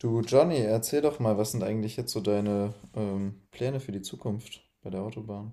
Du Johnny, erzähl doch mal, was sind eigentlich jetzt so deine Pläne für die Zukunft bei der Autobahn?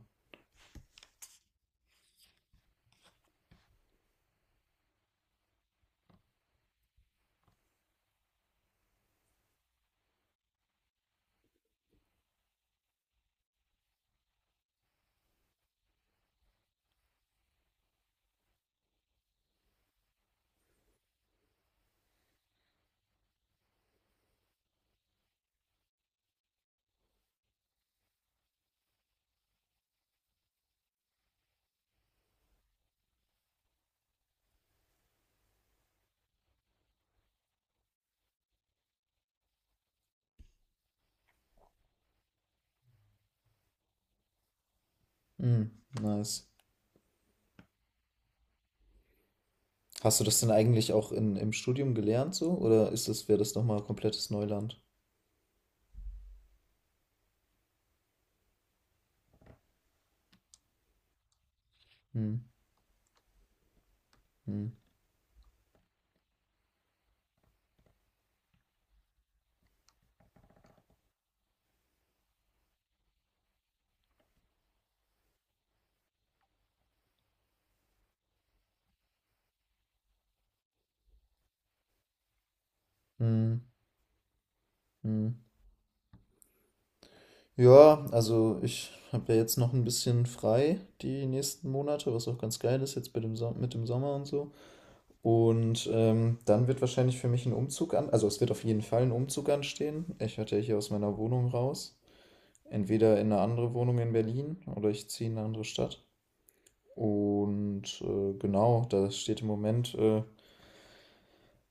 Hm, nice. Hast du das denn eigentlich auch im Studium gelernt so? Oder wäre das nochmal komplettes Neuland? Hm, hm, hm, hm. Ja, also ich habe ja jetzt noch ein bisschen frei die nächsten Monate, was auch ganz geil ist jetzt mit dem Sommer und so. Und dann wird wahrscheinlich für mich also es wird auf jeden Fall ein Umzug anstehen. Ich werde ja hier aus meiner Wohnung raus, entweder in eine andere Wohnung in Berlin oder ich ziehe in eine andere Stadt. Und genau, da steht im Moment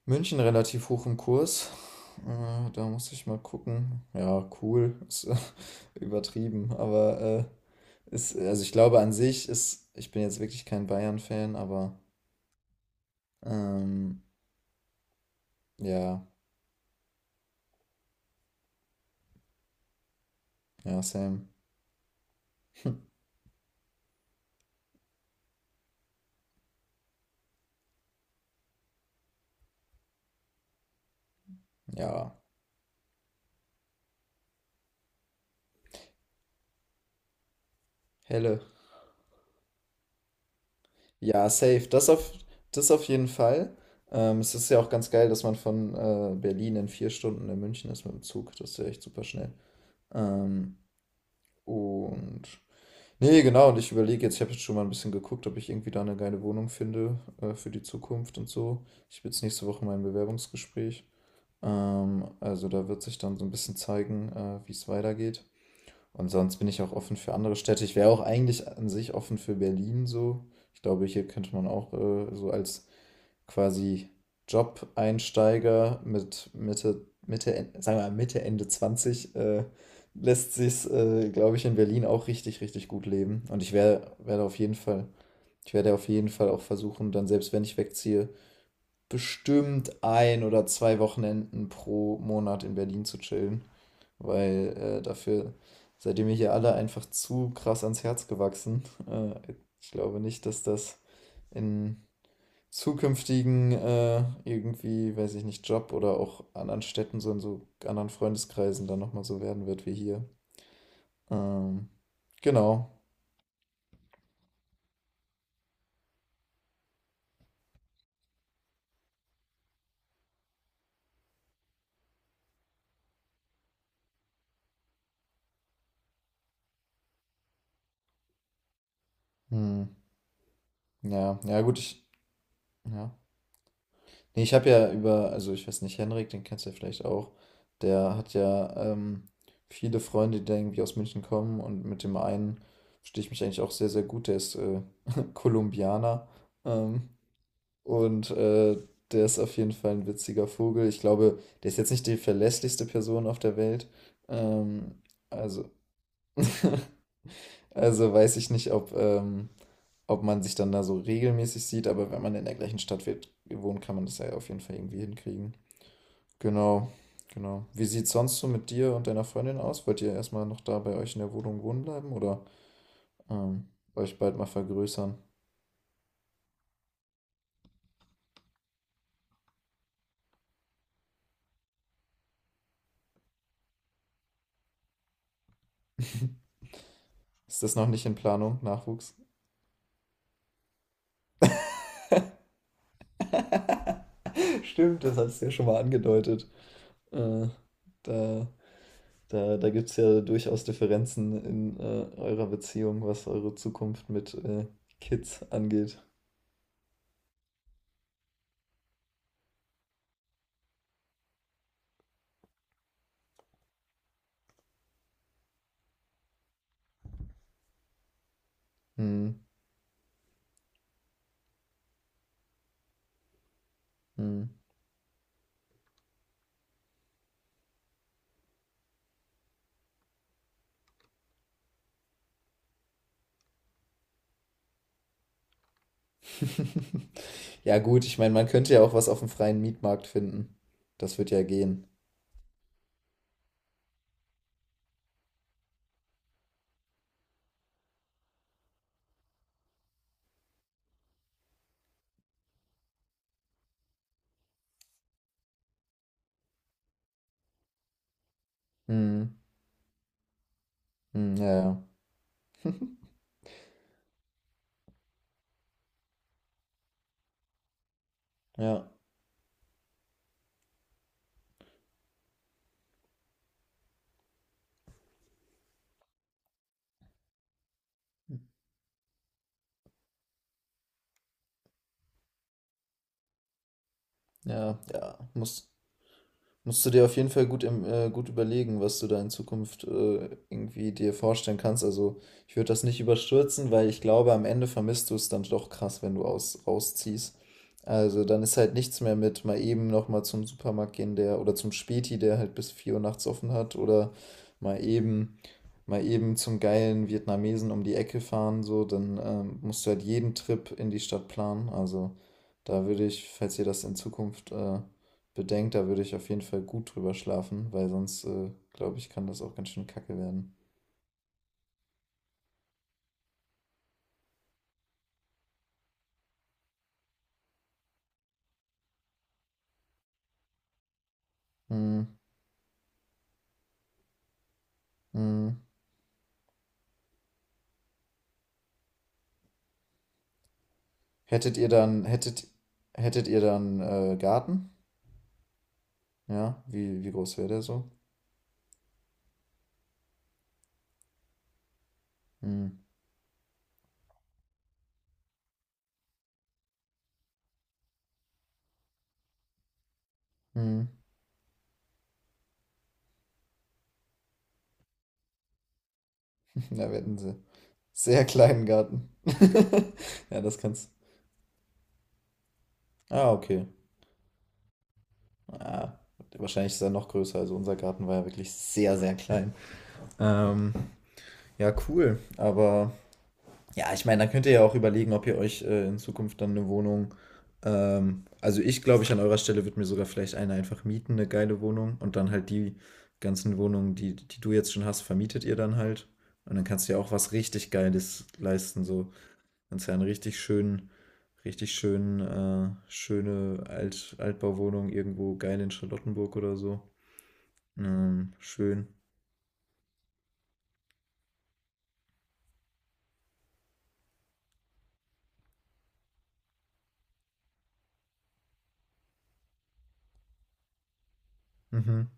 München relativ hoch im Kurs. Da muss ich mal gucken. Ja, cool, ist übertrieben, aber also ich glaube ich bin jetzt wirklich kein Bayern-Fan, aber ähm, ja, ja, Sam, ja, Helle. Ja, safe. Das auf jeden Fall. Es ist ja auch ganz geil, dass man von Berlin in 4 Stunden in München ist mit dem Zug. Das ist ja echt super schnell. Ähm, und. Nee, genau. Und ich überlege jetzt, ich habe jetzt schon mal ein bisschen geguckt, ob ich irgendwie da eine geile Wohnung finde für die Zukunft und so. Ich habe jetzt nächste Woche mein Bewerbungsgespräch. Also da wird sich dann so ein bisschen zeigen, wie es weitergeht. Und sonst bin ich auch offen für andere Städte. Ich wäre auch eigentlich an sich offen für Berlin so. Ich glaube, hier könnte man auch so als quasi Job-Einsteiger mit sagen wir mal Mitte, Ende 20 lässt sich's, glaube ich, in Berlin auch richtig, richtig gut leben. Und werde auf jeden Fall, ich werde auf jeden Fall auch versuchen, dann selbst wenn ich wegziehe, bestimmt 1 oder 2 Wochenenden pro Monat in Berlin zu chillen, weil dafür seid ihr mir hier alle einfach zu krass ans Herz gewachsen. Äh, ich glaube nicht, dass das in zukünftigen irgendwie, weiß ich nicht, Job oder auch anderen Städten, so in so anderen Freundeskreisen dann nochmal so werden wird wie hier. Ähm, genau. Hm. Ja, ja gut, ja. Nee, ich habe ja also ich weiß nicht, Henrik, den kennst du ja vielleicht auch, der hat ja viele Freunde, die da irgendwie aus München kommen und mit dem einen verstehe ich mich eigentlich auch sehr, sehr gut, der ist Kolumbianer. Ähm, Und der ist auf jeden Fall ein witziger Vogel. Ich glaube, der ist jetzt nicht die verlässlichste Person auf der Welt. Ähm, also, also weiß ich nicht, ob man sich dann da so regelmäßig sieht, aber wenn man in der gleichen wohnt, kann man das ja auf jeden Fall irgendwie hinkriegen. Genau, genau. Wie sieht es sonst so mit dir und deiner Freundin aus? Wollt ihr erstmal noch da bei euch in der Wohnung wohnen bleiben oder ähm, euch bald mal vergrößern? Ist das noch nicht in Planung, Nachwuchs? Stimmt, das hast du ja schon mal angedeutet. Äh, da da gibt es ja durchaus Differenzen in eurer Beziehung, was eure Zukunft mit Kids angeht. Hm, hm. Ja gut, ich meine, man könnte ja auch was auf dem freien Mietmarkt finden. Das wird ja gehen. Hm, hm, ja, ja, ja, ja, ja, muss. Musst du dir auf jeden Fall gut überlegen, was du da in Zukunft irgendwie dir vorstellen kannst. Also ich würde das nicht überstürzen, weil ich glaube, am Ende vermisst du es dann doch krass, wenn du rausziehst. Also dann ist halt nichts mehr mit mal eben nochmal zum Supermarkt gehen, der oder zum Späti, der halt bis 4 Uhr nachts offen hat oder mal eben mal eben zum geilen Vietnamesen um die Ecke fahren, so, dann musst du halt jeden Trip in die Stadt planen. Also da würde ich, falls ihr das in Zukunft bedenkt, da würde ich auf jeden Fall gut drüber schlafen, weil sonst, glaube ich, kann das auch ganz schön kacke werden. Hm, hm. Hättet ihr dann, hättet, hättet ihr dann Garten? Ja, wie, wie groß wäre der so? Hm, hm. Na, wir hätten sie. Sehr kleinen Garten. Ja, das kannst. Ah, okay. Ja, wahrscheinlich ist er noch größer. Also unser Garten war ja wirklich sehr, sehr klein. Ähm, ja, cool. Aber ja, ich meine, dann könnt ihr ja auch überlegen, ob ihr euch in Zukunft dann eine Wohnung. Also ich an eurer Stelle würde mir sogar vielleicht eine einfach mieten, eine geile Wohnung. Und dann halt die ganzen Wohnungen, die du jetzt schon hast, vermietet ihr dann halt. Und dann kannst du ja auch was richtig Geiles leisten. So, kannst ja einen richtig schönen, Altbauwohnung irgendwo geil in Charlottenburg oder so. Schön. Mhm.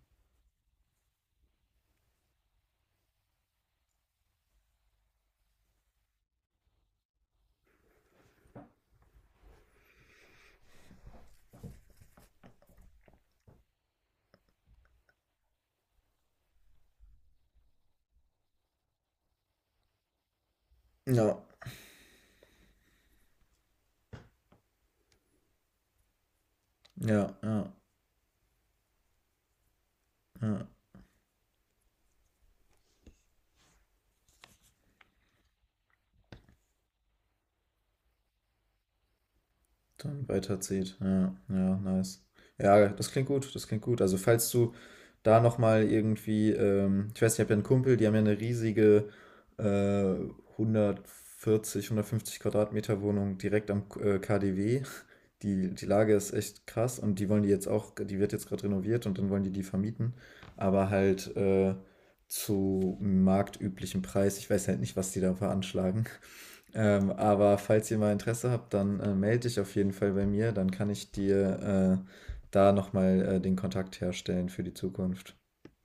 Ja, ja, ja, ja. Dann weiterzieht. Ja, ja, nice. Ja, das klingt gut, das klingt gut. Also falls du da nochmal irgendwie, ich weiß, ich habe ja einen Kumpel, die haben ja eine riesige äh, 140, 150 Quadratmeter Wohnung direkt am KDW. Die Lage ist echt krass und die wollen die jetzt auch, die wird jetzt gerade renoviert und dann wollen die die vermieten, aber halt zu marktüblichem Preis. Ich weiß halt nicht, was die da veranschlagen. Aber falls ihr mal Interesse habt, dann melde dich auf jeden Fall bei mir. Dann kann ich dir da nochmal den Kontakt herstellen für die Zukunft.